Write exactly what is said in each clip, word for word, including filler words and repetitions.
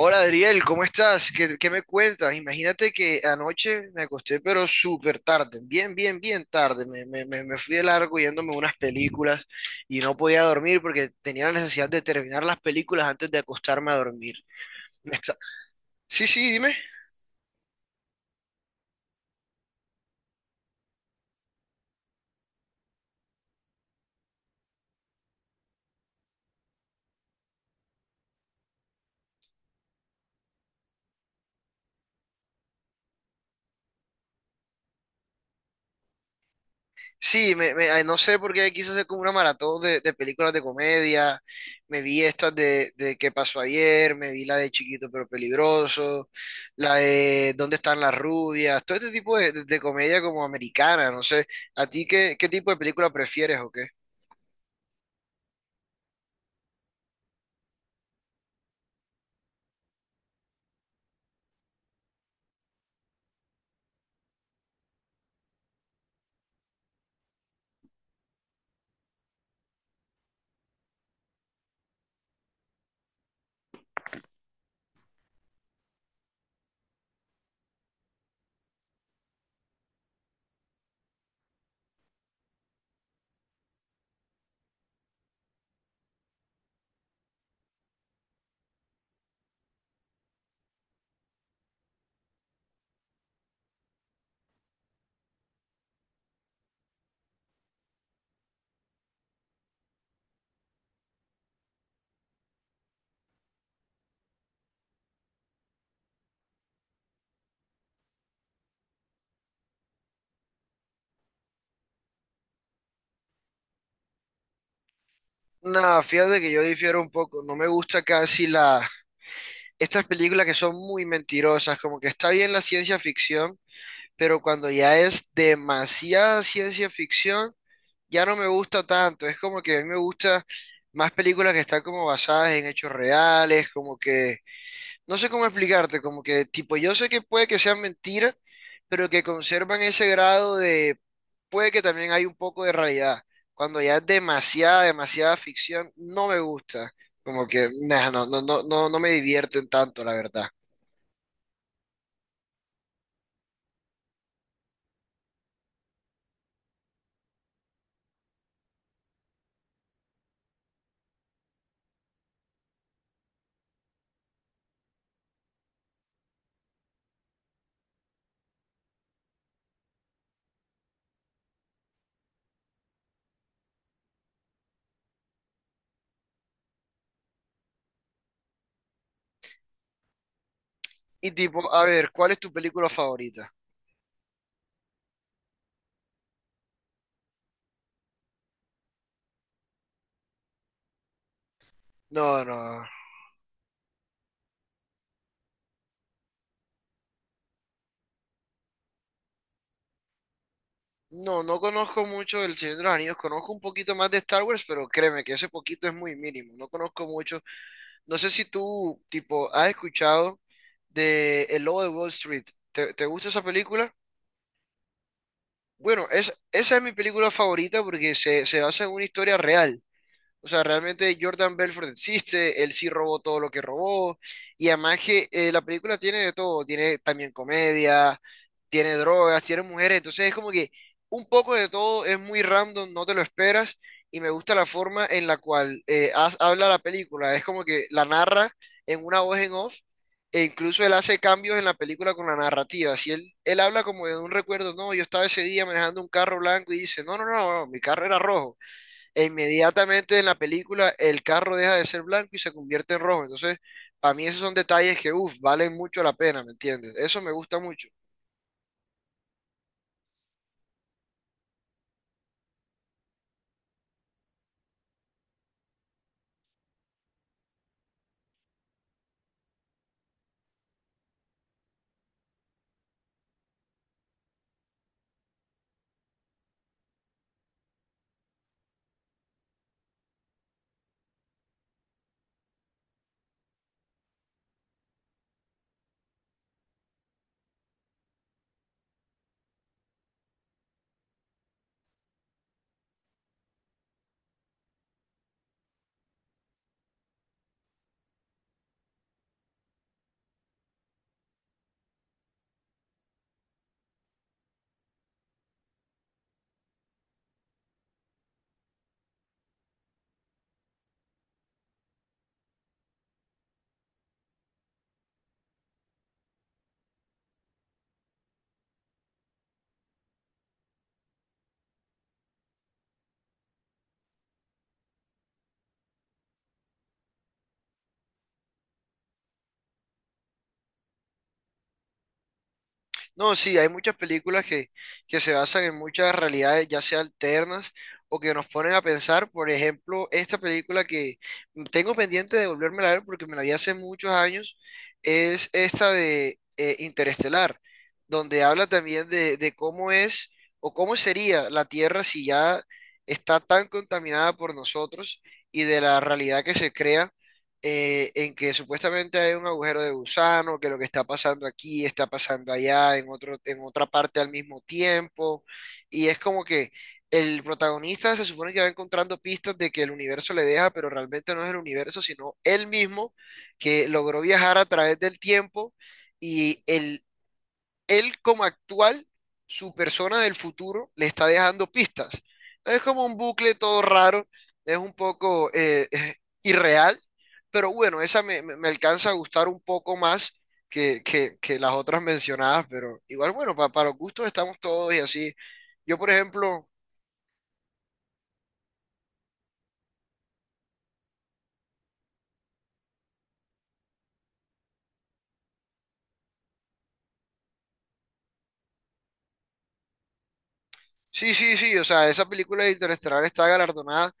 Hola Adriel, ¿cómo estás? ¿Qué, qué me cuentas? Imagínate que anoche me acosté pero súper tarde, bien, bien, bien tarde. Me, me, me me fui de largo yéndome a unas películas y no podía dormir porque tenía la necesidad de terminar las películas antes de acostarme a dormir. Me está- Sí, sí, dime. Sí, me, me- ay, no sé por qué quiso hacer como una maratón de, de películas de comedia. Me vi estas de, de ¿Qué pasó ayer? Me vi la de Chiquito pero peligroso, la de ¿Dónde están las rubias? Todo este tipo de, de- de comedia como americana, no sé. ¿A ti qué, qué tipo de película prefieres o qué? No, fíjate que yo difiero un poco. No me gusta casi la... Estas películas que son muy mentirosas, como que está bien la ciencia ficción, pero cuando ya es demasiada ciencia ficción ya no me gusta tanto. Es como que a mí me gusta más películas que están como basadas en hechos reales, como que, no sé cómo explicarte, como que tipo, yo sé que puede que sean mentiras, pero que conservan ese grado de, puede que también hay un poco de realidad. Cuando ya es demasiada, demasiada ficción, no me gusta. Como que, nah, no, no, no, no, no me divierten tanto, la verdad. Y tipo, a ver, ¿cuál es tu película favorita? No, no. No, no conozco mucho del Señor de los Anillos, conozco un poquito más de Star Wars, pero créeme que ese poquito es muy mínimo, no conozco mucho. No sé si tú, tipo, has escuchado de El Lobo de Wall Street. ¿Te, te gusta esa película? Bueno, es, esa es mi película favorita porque se, se basa en una historia real. O sea, realmente Jordan Belfort existe, él sí robó todo lo que robó, y además que eh, la película tiene de todo, tiene también comedia, tiene drogas, tiene mujeres, entonces es como que un poco de todo es muy random, no te lo esperas, y me gusta la forma en la cual eh, ha- habla la película, es como que la narra en una voz en off, e incluso él hace cambios en la película con la narrativa, si él, él habla como de un recuerdo, no, yo estaba ese día manejando un carro blanco y dice, no, no, no, no, mi carro era rojo e inmediatamente en la película el carro deja de ser blanco y se convierte en rojo. Entonces, para mí esos son detalles que, uff, valen mucho la pena, ¿me entiendes? Eso me gusta mucho. No, sí, hay muchas películas que, que se basan en muchas realidades, ya sea alternas o que nos ponen a pensar. Por ejemplo, esta película que tengo pendiente de volverme a ver porque me la vi hace muchos años, es esta de eh, Interestelar, donde habla también de, de cómo es o cómo sería la Tierra si ya está tan contaminada por nosotros y de la realidad que se crea eh, en que supuestamente hay un agujero de gusano, que lo que está pasando aquí está pasando allá, en otro, en otra parte al mismo tiempo, y es como que el protagonista se supone que va encontrando pistas de que el universo le deja, pero realmente no es el universo, sino él mismo que logró viajar a través del tiempo y el él como actual, su persona del futuro, le está dejando pistas. No. Es como un bucle todo raro, es un poco eh, eh, irreal, pero bueno, esa me, me- me alcanza a gustar un poco más que, que- que las otras mencionadas, pero igual, bueno, pa- para los gustos estamos todos y así. Yo, por ejemplo, sí, sí, sí, o sea, esa película de Interestelar está galardonada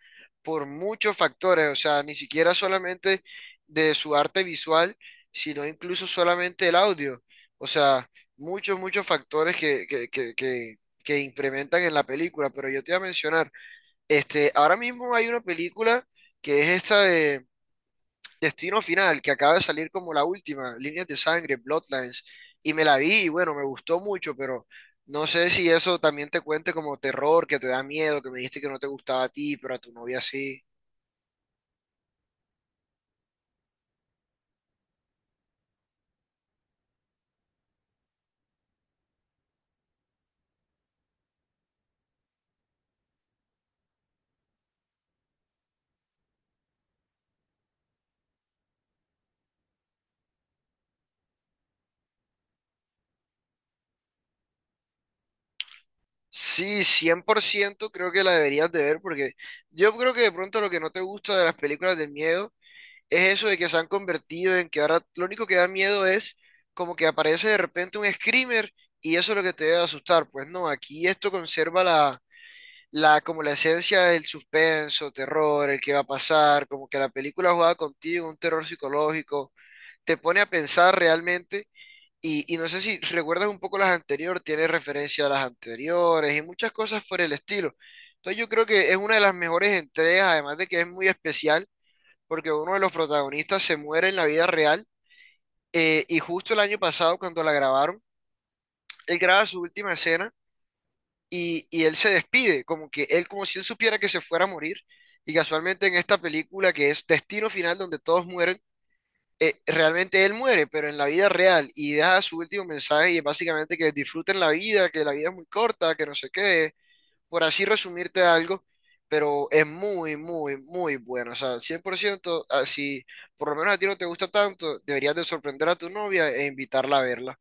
por muchos factores, o sea, ni siquiera solamente de su arte visual, sino incluso solamente el audio, o sea, muchos, muchos factores que, que, que, que, que implementan en la película, pero yo te iba a mencionar, este, ahora mismo hay una película que es esta de Destino Final, que acaba de salir como la última, Líneas de Sangre, Bloodlines, y me la vi y bueno, me gustó mucho, pero no sé si eso también te cuente como terror, que te da miedo, que me dijiste que no te gustaba a ti, pero a tu novia sí. Sí, cien por ciento creo que la deberías de ver porque yo creo que de pronto lo que no te gusta de las películas de miedo es eso de que se han convertido en que ahora lo único que da miedo es como que aparece de repente un screamer y eso es lo que te debe asustar. Pues no, aquí esto conserva la la, como la esencia del suspenso, terror, el que va a pasar, como que la película jugada contigo, un terror psicológico, te pone a pensar realmente. Y, y no sé si recuerdas un poco las anteriores, tiene referencia a las anteriores y muchas cosas por el estilo. Entonces yo creo que es una de las mejores entregas, además de que es muy especial, porque uno de los protagonistas se muere en la vida real. Eh, y justo el año pasado, cuando la grabaron, él graba su última escena y, y él se despide, como que él como si él supiera que se fuera a morir. Y casualmente en esta película que es Destino Final, donde todos mueren, eh, realmente él muere, pero en la vida real y deja su último mensaje y es básicamente que disfruten la vida, que la vida es muy corta, que no sé qué, por así resumirte algo, pero es muy, muy, muy bueno. O sea, cien por ciento, ah, si por lo menos a ti no te gusta tanto, deberías de sorprender a tu novia e invitarla a verla.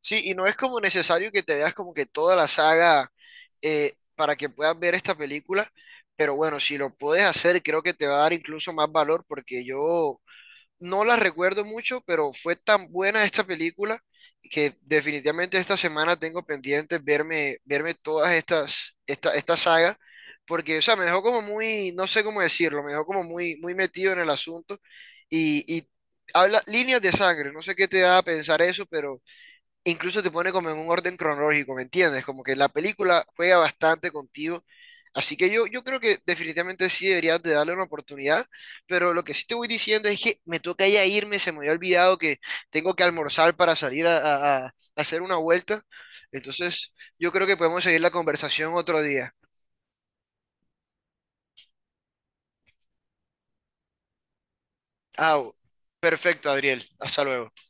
Sí, y no es como necesario que te veas como que toda la saga eh, para que puedas ver esta película, pero bueno, si lo puedes hacer, creo que te va a dar incluso más valor porque yo no la recuerdo mucho, pero fue tan buena esta película que definitivamente esta semana tengo pendiente verme, verme todas estas, esta, esta saga, porque, o sea, me dejó como muy, no sé cómo decirlo, me dejó como muy, muy metido en el asunto y, y habla líneas de sangre, no sé qué te da a pensar eso, pero incluso te pone como en un orden cronológico, ¿me entiendes? Como que la película juega bastante contigo. Así que yo, yo creo que definitivamente sí deberías de darle una oportunidad, pero lo que sí te voy diciendo es que me toca ya irme, se me había olvidado que tengo que almorzar para salir a, a- a hacer una vuelta. Entonces, yo creo que podemos seguir la conversación otro día. Ah, perfecto, Adriel. Hasta luego.